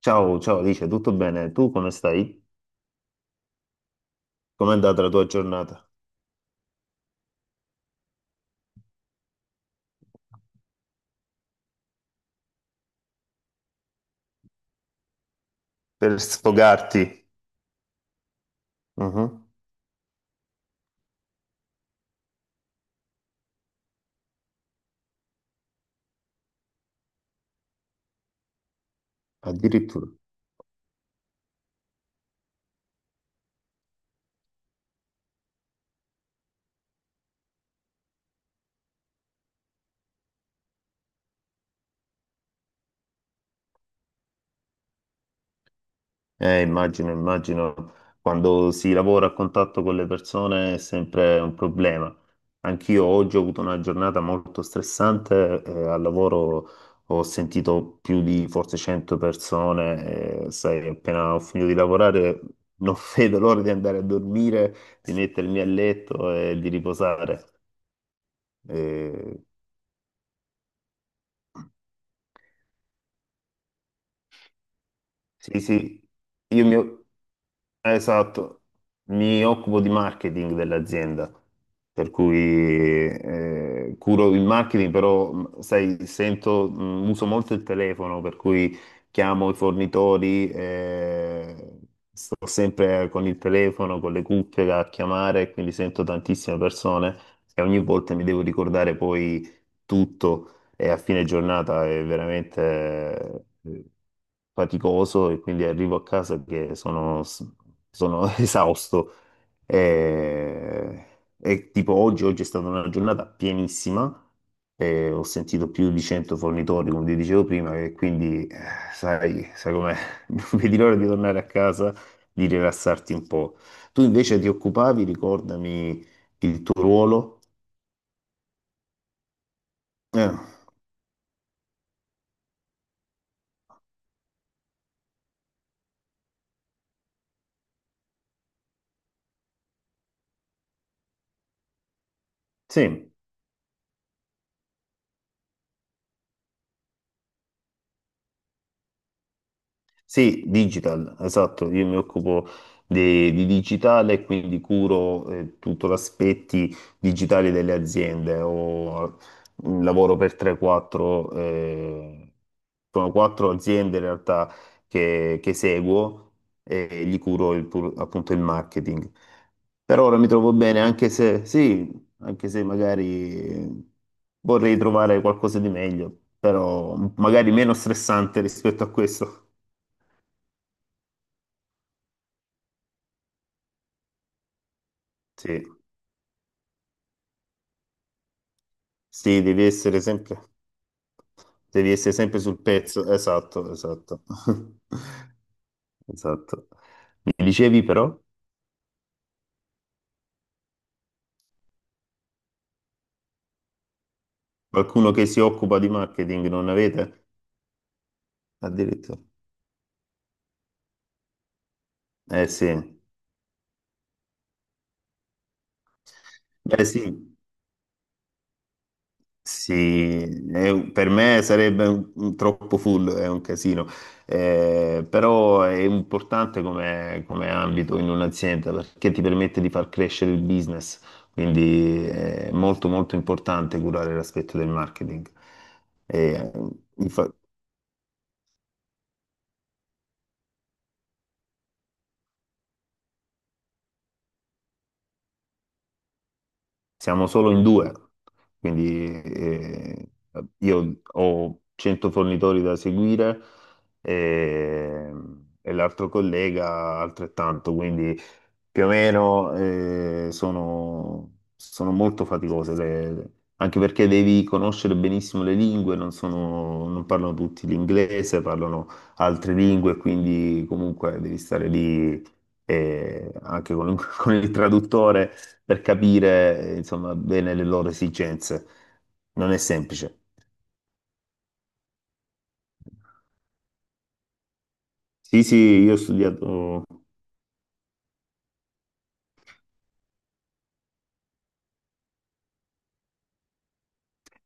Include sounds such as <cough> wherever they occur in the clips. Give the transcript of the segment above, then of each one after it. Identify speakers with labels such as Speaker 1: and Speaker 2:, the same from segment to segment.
Speaker 1: Ciao, ciao Alice, tutto bene? Tu come stai? Com'è andata la tua giornata? Per sfogarti. Mhm. Addirittura. Immagino, immagino, quando si lavora a contatto con le persone è sempre un problema. Anch'io oggi ho avuto una giornata molto stressante, al lavoro ho sentito più di forse 100 persone, sai, appena ho finito di lavorare non <laughs> vedo l'ora di andare a dormire, di mettermi a letto e di riposare. Eh, Sì, sì, io mi... esatto, mi occupo di marketing dell'azienda, per cui curo il marketing, però sai, sento, uso molto il telefono, per cui chiamo i fornitori, sto sempre con il telefono, con le cuffie a chiamare, quindi sento tantissime persone e ogni volta mi devo ricordare poi tutto e a fine giornata è veramente faticoso e quindi arrivo a casa che sono <laughs> esausto. Eh, e tipo oggi, oggi è stata una giornata pienissima, ho sentito più di 100 fornitori, come ti dicevo prima, e quindi sai com'è, <laughs> non vedi l'ora di tornare a casa, di rilassarti un po'. Tu invece ti occupavi, ricordami il tuo ruolo? Eh, sì. Sì, digital, esatto, io mi occupo di digitale e quindi curo tutto l'aspetto digitale delle aziende. Lavoro per 3-4, sono quattro aziende in realtà che seguo e gli curo appunto il marketing. Per ora mi trovo bene, anche se sì, anche se magari vorrei trovare qualcosa di meglio, però magari meno stressante rispetto a questo. Sì, sì, devi essere sempre sul pezzo, esatto, esatto, <laughs> esatto. Mi dicevi però, qualcuno che si occupa di marketing non avete? Addirittura. Eh sì, beh sì. Sì, è per me sarebbe un troppo full, è un casino. Però è importante come ambito in un'azienda perché ti permette di far crescere il business, quindi è molto molto importante curare l'aspetto del marketing. E, infa- Siamo solo in due, quindi io ho 100 fornitori da seguire e, e l'altro collega altrettanto, quindi più o meno sono molto faticose, anche perché devi conoscere benissimo le lingue, non parlano tutti l'inglese, parlano altre lingue, quindi comunque devi stare lì anche con, <laughs> con il traduttore per capire insomma, bene le loro esigenze. Non è semplice. Sì, sì, io ho studiato.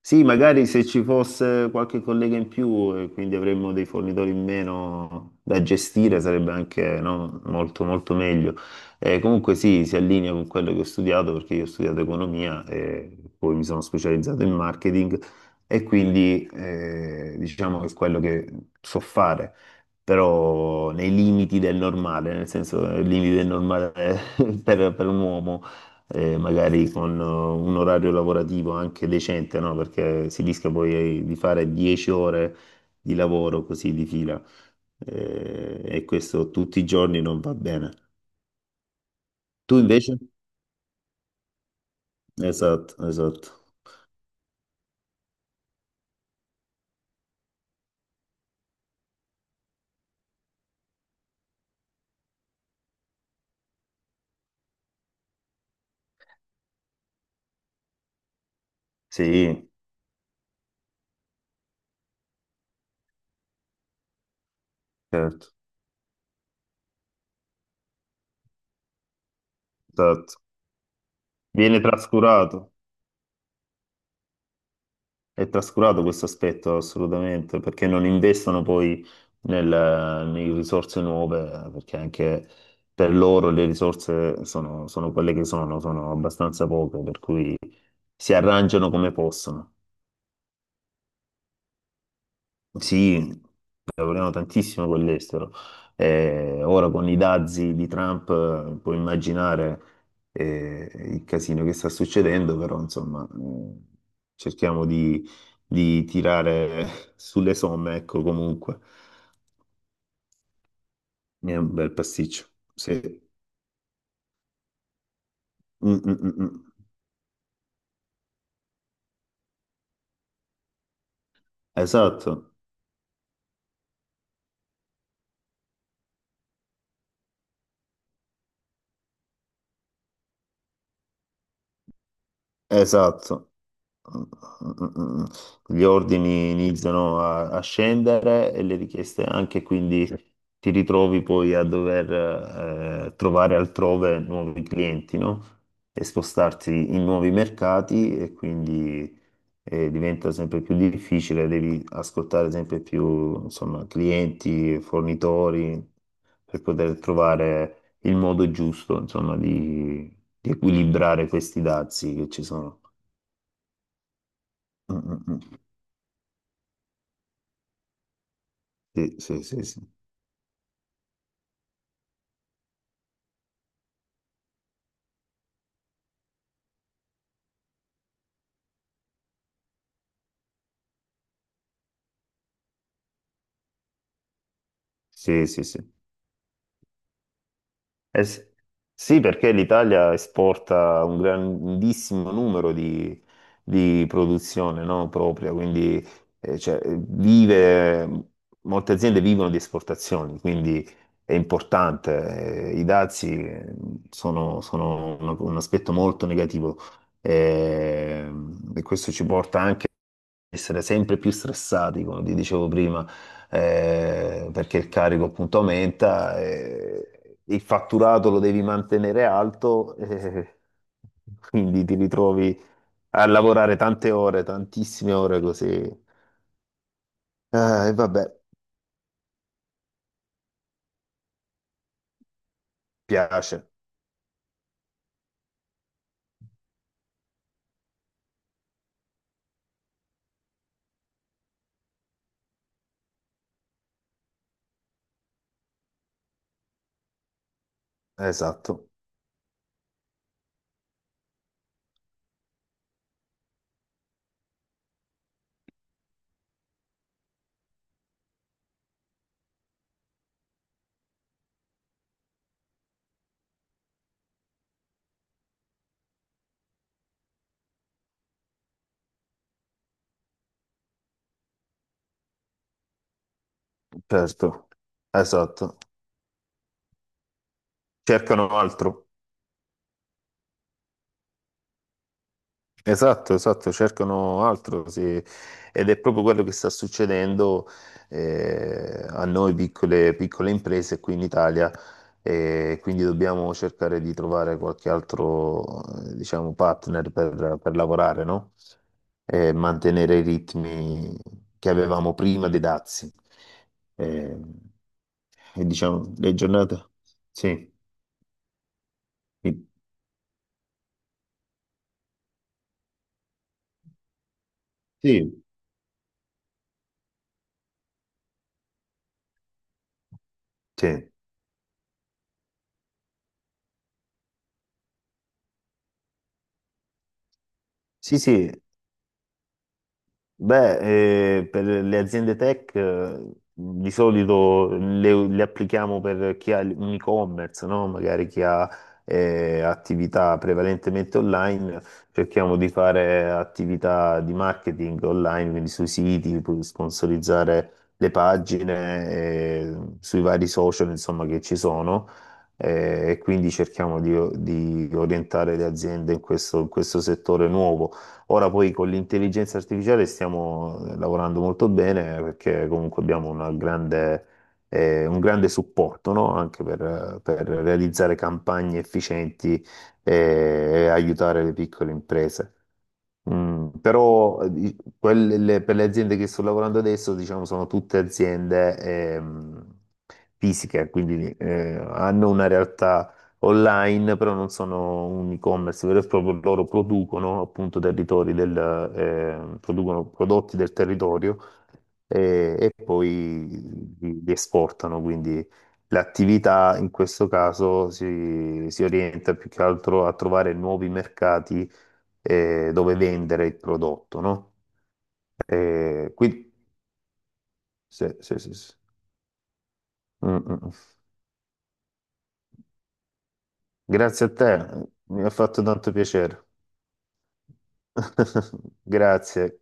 Speaker 1: Sì, magari se ci fosse qualche collega in più e quindi avremmo dei fornitori in meno da gestire sarebbe anche no, molto molto meglio. Comunque sì, si allinea con quello che ho studiato perché io ho studiato economia e poi mi sono specializzato in marketing e quindi diciamo che è quello che so fare, però nei limiti del normale, nel senso nei limiti del normale <laughs> per un uomo magari con un orario lavorativo anche decente, no? Perché si rischia poi di fare 10 ore di lavoro così di fila e questo tutti i giorni non va bene. Tu invece? Esatto, esatto. Sì, certo, esatto. Viene trascurato. È trascurato questo aspetto assolutamente, perché non investono poi in risorse nuove, perché anche per loro le risorse sono, sono quelle che sono abbastanza poche, per cui si arrangiano come possono. Sì, lavoriamo tantissimo con l'estero. Ora con i dazi di Trump puoi immaginare il casino che sta succedendo, però insomma cerchiamo di tirare <laughs> sulle somme, ecco comunque. È un bel pasticcio. Sì. Mm, mm, mm, mm. Esatto, esatto. Gli ordini iniziano a scendere e le richieste anche, quindi ti ritrovi poi a dover trovare altrove nuovi clienti, no? E spostarti in nuovi mercati e quindi diventa sempre più difficile, devi ascoltare sempre più, insomma, clienti, fornitori per poter trovare il modo giusto, insomma, di equilibrare questi dazi che ci sono. Mm, mm. Sì, sì, sì, sì, sì, sì, sì. Eh sì. Sì, perché l'Italia esporta un grandissimo numero di produzione, no, propria, quindi cioè, molte aziende vivono di esportazioni, quindi è importante. I dazi sono un aspetto molto negativo eh, e questo ci porta essere sempre più stressati, come ti dicevo prima, perché il carico appunto aumenta, il fatturato lo devi mantenere alto, <laughs> quindi ti ritrovi a lavorare tante ore, tantissime ore così. E vabbè, piace, esatto, certo, esatto. Cercano altro. Esatto, esatto, cercano altro, sì. Ed è proprio quello che sta succedendo a noi piccole, piccole imprese qui in Italia, e quindi dobbiamo cercare di trovare qualche altro, diciamo, partner per lavorare, no? E mantenere i ritmi che avevamo prima dei dazi. Eh, e diciamo, le giornate. Sì, sì, sì, sì, sì. Beh, per le aziende tech di solito le applichiamo per chi ha un e-commerce, no? Magari chi ha attività prevalentemente online, cerchiamo di fare attività di marketing online, quindi sui siti, sponsorizzare le pagine, sui vari social, insomma, che ci sono. E quindi cerchiamo di orientare le aziende in questo settore nuovo. Ora poi con l'intelligenza artificiale stiamo lavorando molto bene perché comunque abbiamo un grande supporto, no? Anche per realizzare campagne efficienti eh, e aiutare le piccole imprese. Però per le aziende che sto lavorando adesso, diciamo, sono tutte aziende ehm, fisiche, quindi hanno una realtà online, però non sono un e-commerce vero e proprio, loro producono appunto producono prodotti del territorio e poi li esportano, quindi l'attività in questo caso si orienta più che altro a trovare nuovi mercati dove vendere il prodotto, no? Quindi, sì, sì, sì, sì. Mm, mm. Mm. Grazie a te, mi ha fatto tanto piacere. <laughs> Grazie.